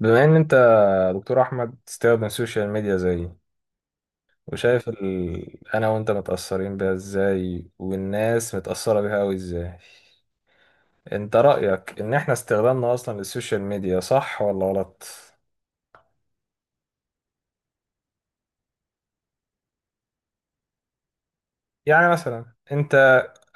بما ان انت يا دكتور احمد تستخدم السوشيال ميديا زيي وشايف انا وانت متأثرين بيها ازاي والناس متأثرة بيها اوي ازاي، انت رأيك ان احنا استخدامنا اصلا للسوشيال ميديا صح ولا غلط؟ يعني مثلا انت،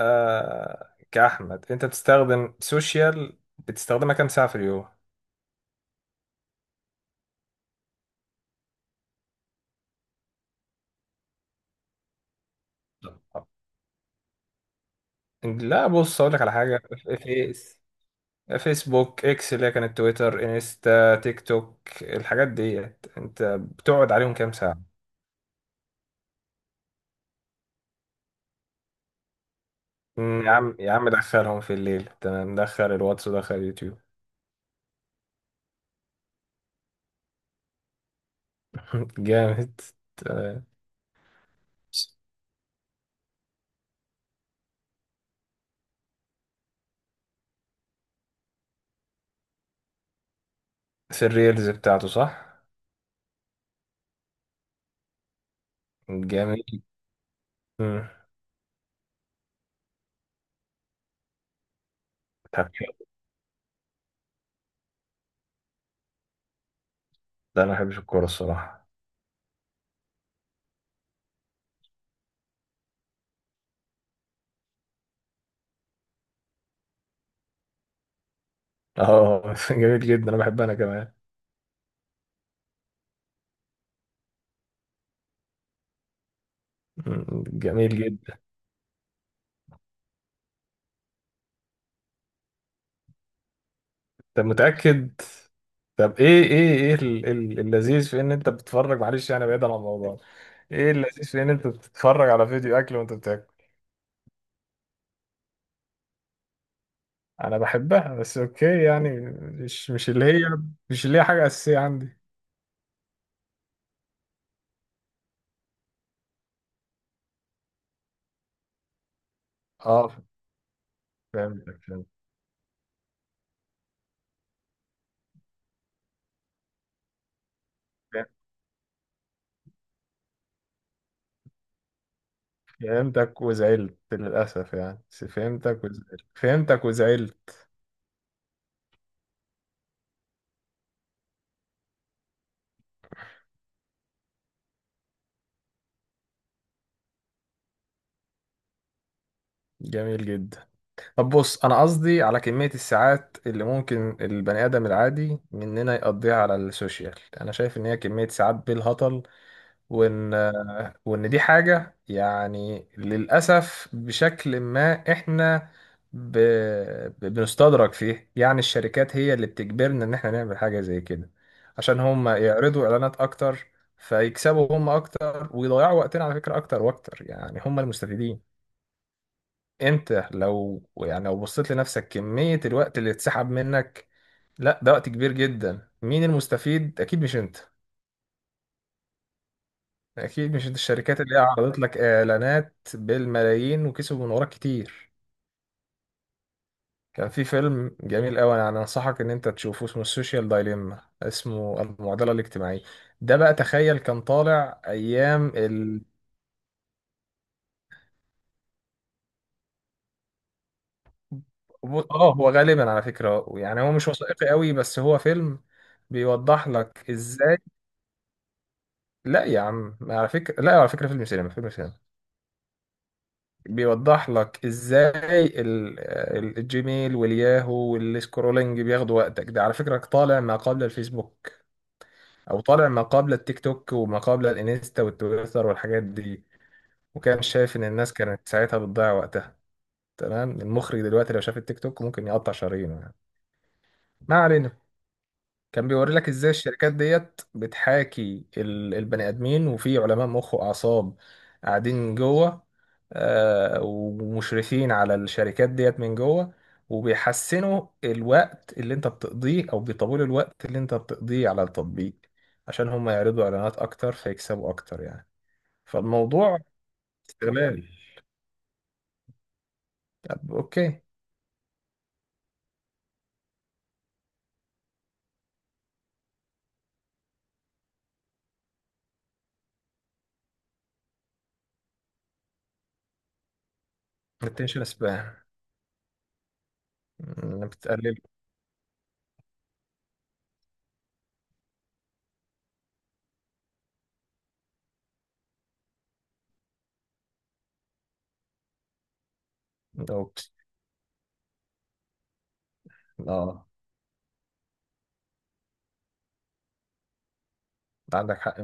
كأحمد انت بتستخدم سوشيال، بتستخدمها كام ساعة في اليوم؟ لا بص اقول لك على حاجة، فيس فيسبوك، اكس اللي هي كانت تويتر، انستا، تيك توك، الحاجات ديت انت بتقعد عليهم كام ساعة؟ مم، يا عم دخلهم في الليل، تمام، دخل الواتس ودخل اليوتيوب. جامد، تمام. في الريلز بتاعته صح؟ جميل. مم. طب حلو. ده انا ما بحبش الكورة الصراحة. اه جميل جدا، انا بحبها انا كمان. مم، جميل جدا. طب متأكد؟ طب ايه ايه ايه اللذيذ في ان انت بتتفرج، معلش يعني بعيدا عن الموضوع، ايه اللذيذ في ان انت بتتفرج على فيديو اكل وانت بتاكل؟ انا بحبها بس اوكي يعني، مش اللي هي، مش اللي هي حاجه اساسيه عندي. اه، فهمتك. فهمتك وزعلت للاسف يعني، بس فهمتك وزعلت، فهمتك وزعلت. جميل جدا. طب بص انا قصدي على كميه الساعات اللي ممكن البني ادم العادي مننا يقضيها على السوشيال، انا شايف ان هي كميه ساعات بالهطل، وان وان دي حاجة يعني للأسف بشكل ما احنا، ب... بنستدرج فيه، يعني الشركات هي اللي بتجبرنا ان احنا نعمل حاجة زي كده عشان هم يعرضوا اعلانات اكتر، فيكسبوا هم اكتر ويضيعوا وقتنا على فكرة اكتر واكتر، يعني هم المستفيدين. انت لو يعني لو بصيت لنفسك كمية الوقت اللي اتسحب منك، لا ده وقت كبير جدا، مين المستفيد؟ اكيد مش انت، اكيد مش الشركات اللي هي عرضت لك اعلانات بالملايين وكسبوا من وراك كتير. كان في فيلم جميل قوي انا انصحك ان انت تشوفه، اسمه السوشيال دايليما، اسمه المعضله الاجتماعيه. ده بقى تخيل كان طالع ايام اه، هو غالبا على فكره يعني هو مش وثائقي قوي بس هو فيلم بيوضح لك ازاي، لا يا عم على فكره، لا على فكره، فيلم سينما، فيلم سينما، بيوضح لك ازاي الجيميل والياهو والسكرولينج بياخدوا وقتك، ده على فكرة طالع ما قبل الفيسبوك، او طالع ما قبل التيك توك وما قبل الانستا والتويتر والحاجات دي، وكان شايف ان الناس كانت ساعتها بتضيع وقتها، تمام. المخرج دلوقتي لو شاف التيك توك ممكن يقطع شرايينه يعني، ما علينا. كان بيوري لك ازاي الشركات ديت بتحاكي البني ادمين، وفي علماء مخ واعصاب قاعدين جوه، ومشرفين على الشركات ديت من جوه، وبيحسنوا الوقت اللي انت بتقضيه او بيطولوا الوقت اللي انت بتقضيه على التطبيق عشان هم يعرضوا اعلانات اكتر فيكسبوا اكتر يعني. فالموضوع استغلال. طب اوكي، الاتنشن سبان، بتقلل، اوكي، اه عندك حق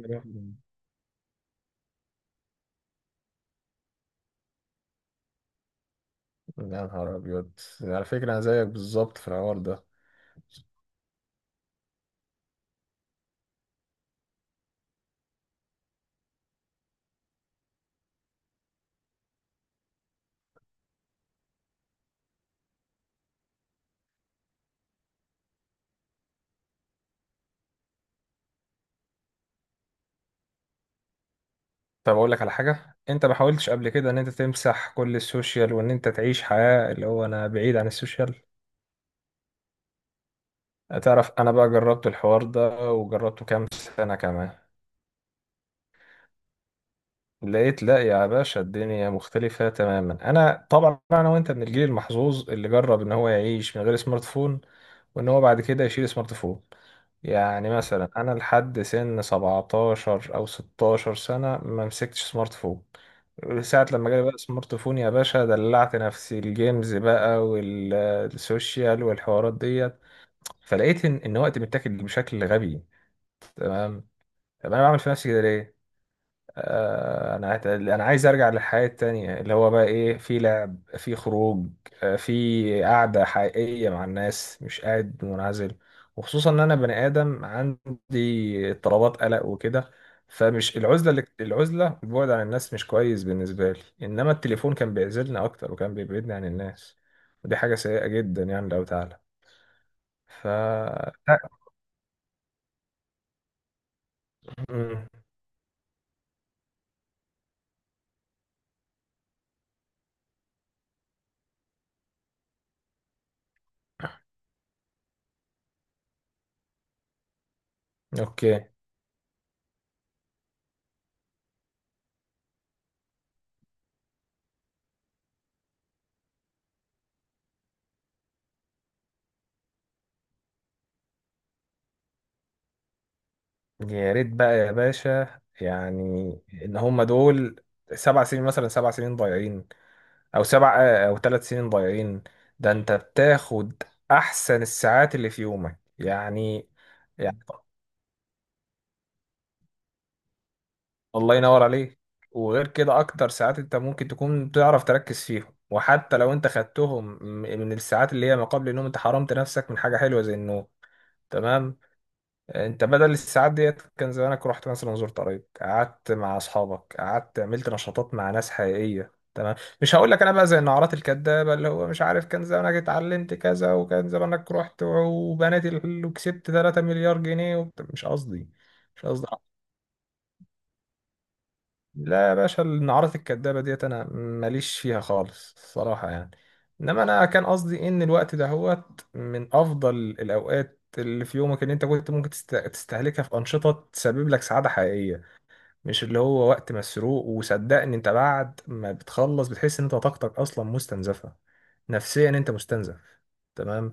100%. يا نهار ابيض، على فكره انا زيك بالظبط في الحوار ده. طب اقول لك على حاجه، انت ما حاولتش قبل كده ان انت تمسح كل السوشيال وان انت تعيش حياه اللي هو انا بعيد عن السوشيال؟ تعرف انا بقى جربت الحوار ده وجربته كام سنه كمان. لقيت لا يا باشا، الدنيا مختلفة تماما. أنا طبعا أنا وأنت من الجيل المحظوظ اللي جرب إن هو يعيش من غير سمارت فون، وإن هو بعد كده يشيل سمارت فون. يعني مثلا أنا لحد سن 17 أو 16 سنة ما مسكتش سمارت فون. ساعة لما جالي بقى سمارت فون يا باشا دلعت نفسي، الجيمز بقى والسوشيال والحوارات ديت، فلقيت إن وقتي متاكل بشكل غبي، تمام. طب أنا بعمل في نفسي كده ليه؟ انا عايز، انا عايز ارجع للحياة التانية اللي هو بقى ايه، في لعب، في خروج، في قعدة حقيقية مع الناس، مش قاعد منعزل. وخصوصا ان انا بني ادم عندي اضطرابات قلق وكده، فمش العزلة، اللي العزلة البعد عن الناس مش كويس بالنسبة لي، انما التليفون كان بيعزلنا اكتر وكان بيبعدني عن الناس. ودي حاجة سيئة جدا يعني، لو تعالى، ف لا. مم. اوكي. يا ريت بقى يا باشا يعني ان هم دول، 7 سنين مثلا، 7 سنين ضايعين، او سبع، او 3 سنين ضايعين، ده انت بتاخد احسن الساعات اللي في يومك يعني. يعني الله ينور عليك. وغير كده اكتر ساعات انت ممكن تكون تعرف تركز فيهم، وحتى لو انت خدتهم من الساعات اللي هي ما قبل النوم انت حرمت نفسك من حاجة حلوة زي النوم، تمام. انت بدل الساعات ديت كان زمانك رحت مثلا، زرت قرايب، قعدت مع اصحابك، قعدت عملت نشاطات مع ناس حقيقيه، تمام. مش هقول لك انا بقى زي النعرات الكدابه اللي هو مش عارف كان زمانك اتعلمت كذا وكان زمانك رحت وبنيت وكسبت 3 مليار جنيه مش قصدي، مش قصدي. لا يا باشا النعرات الكدابة ديت أنا ماليش فيها خالص الصراحة يعني، إنما أنا كان قصدي إن الوقت ده هوت من أفضل الأوقات اللي في يومك، اللي أنت كنت ممكن تستهلكها في أنشطة تسبب لك سعادة حقيقية، مش اللي هو وقت مسروق. وصدقني أنت بعد ما بتخلص بتحس إن أنت طاقتك أصلا مستنزفة، نفسيا أنت مستنزف، تمام.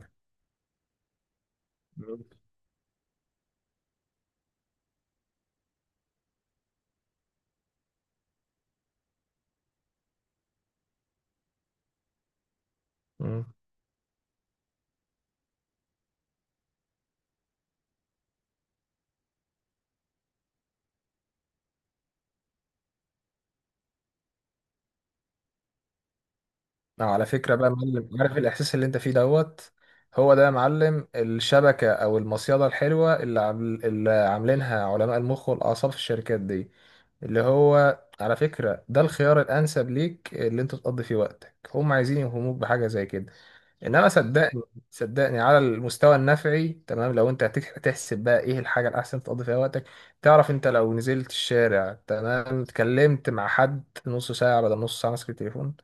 مم. اه على فكرة بقى يا معلم، عارف الإحساس اللي أنت فيه دوت؟ هو ده يا معلم الشبكة أو المصيدة الحلوة اللي عامل اللي عاملينها علماء المخ والأعصاب في الشركات دي، اللي هو على فكرة ده الخيار الأنسب ليك اللي أنت تقضي فيه وقتك، هم عايزين يوهموك بحاجة زي كده. إنما صدقني على المستوى النفعي، تمام، لو أنت هتحسب بقى إيه الحاجة الأحسن تقضي فيها وقتك. تعرف أنت لو نزلت الشارع، تمام، اتكلمت مع حد نص ساعة بدل نص ساعة ماسك التليفون،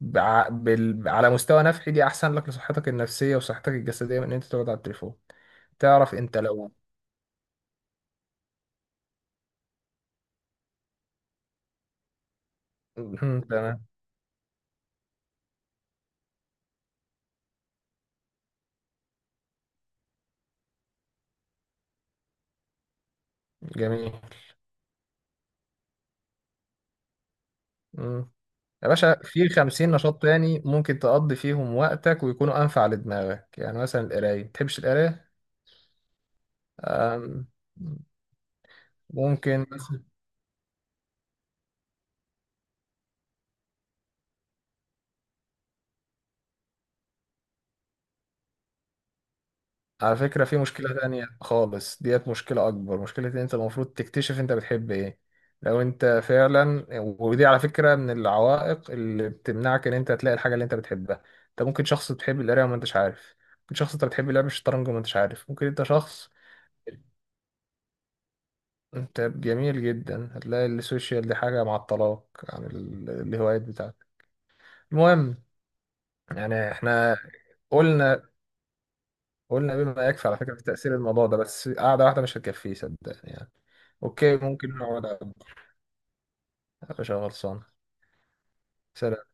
على مستوى نفعي دي احسن لك لصحتك النفسية وصحتك الجسدية من ان انت تقعد على التليفون. تعرف انت لو، مم، تمام، جميل. مم. يا باشا في 50 نشاط تاني ممكن تقضي فيهم وقتك ويكونوا أنفع لدماغك، يعني مثلا القراية، متحبش القراية؟ أم، ممكن. على فكرة في مشكلة تانية خالص ديت، مشكلة أكبر، مشكلة إن أنت المفروض تكتشف أنت بتحب إيه. لو أنت فعلا، ودي على فكرة من العوائق اللي بتمنعك إن أنت تلاقي الحاجة اللي أنت بتحبها، أنت ممكن شخص بتحب القراية وما أنتش عارف، ممكن شخص أنت بتحب لعب الشطرنج وما أنتش عارف، ممكن أنت شخص، أنت جميل جدا، هتلاقي السوشيال دي حاجة معطلاك عن الهوايات بتاعتك. المهم يعني إحنا قلنا، قلنا بما يكفي على فكرة في تأثير الموضوع ده، بس قعدة واحدة مش هتكفيه صدقني يعني. اوكي ممكن نقعد على-، مش غلطان. سلام.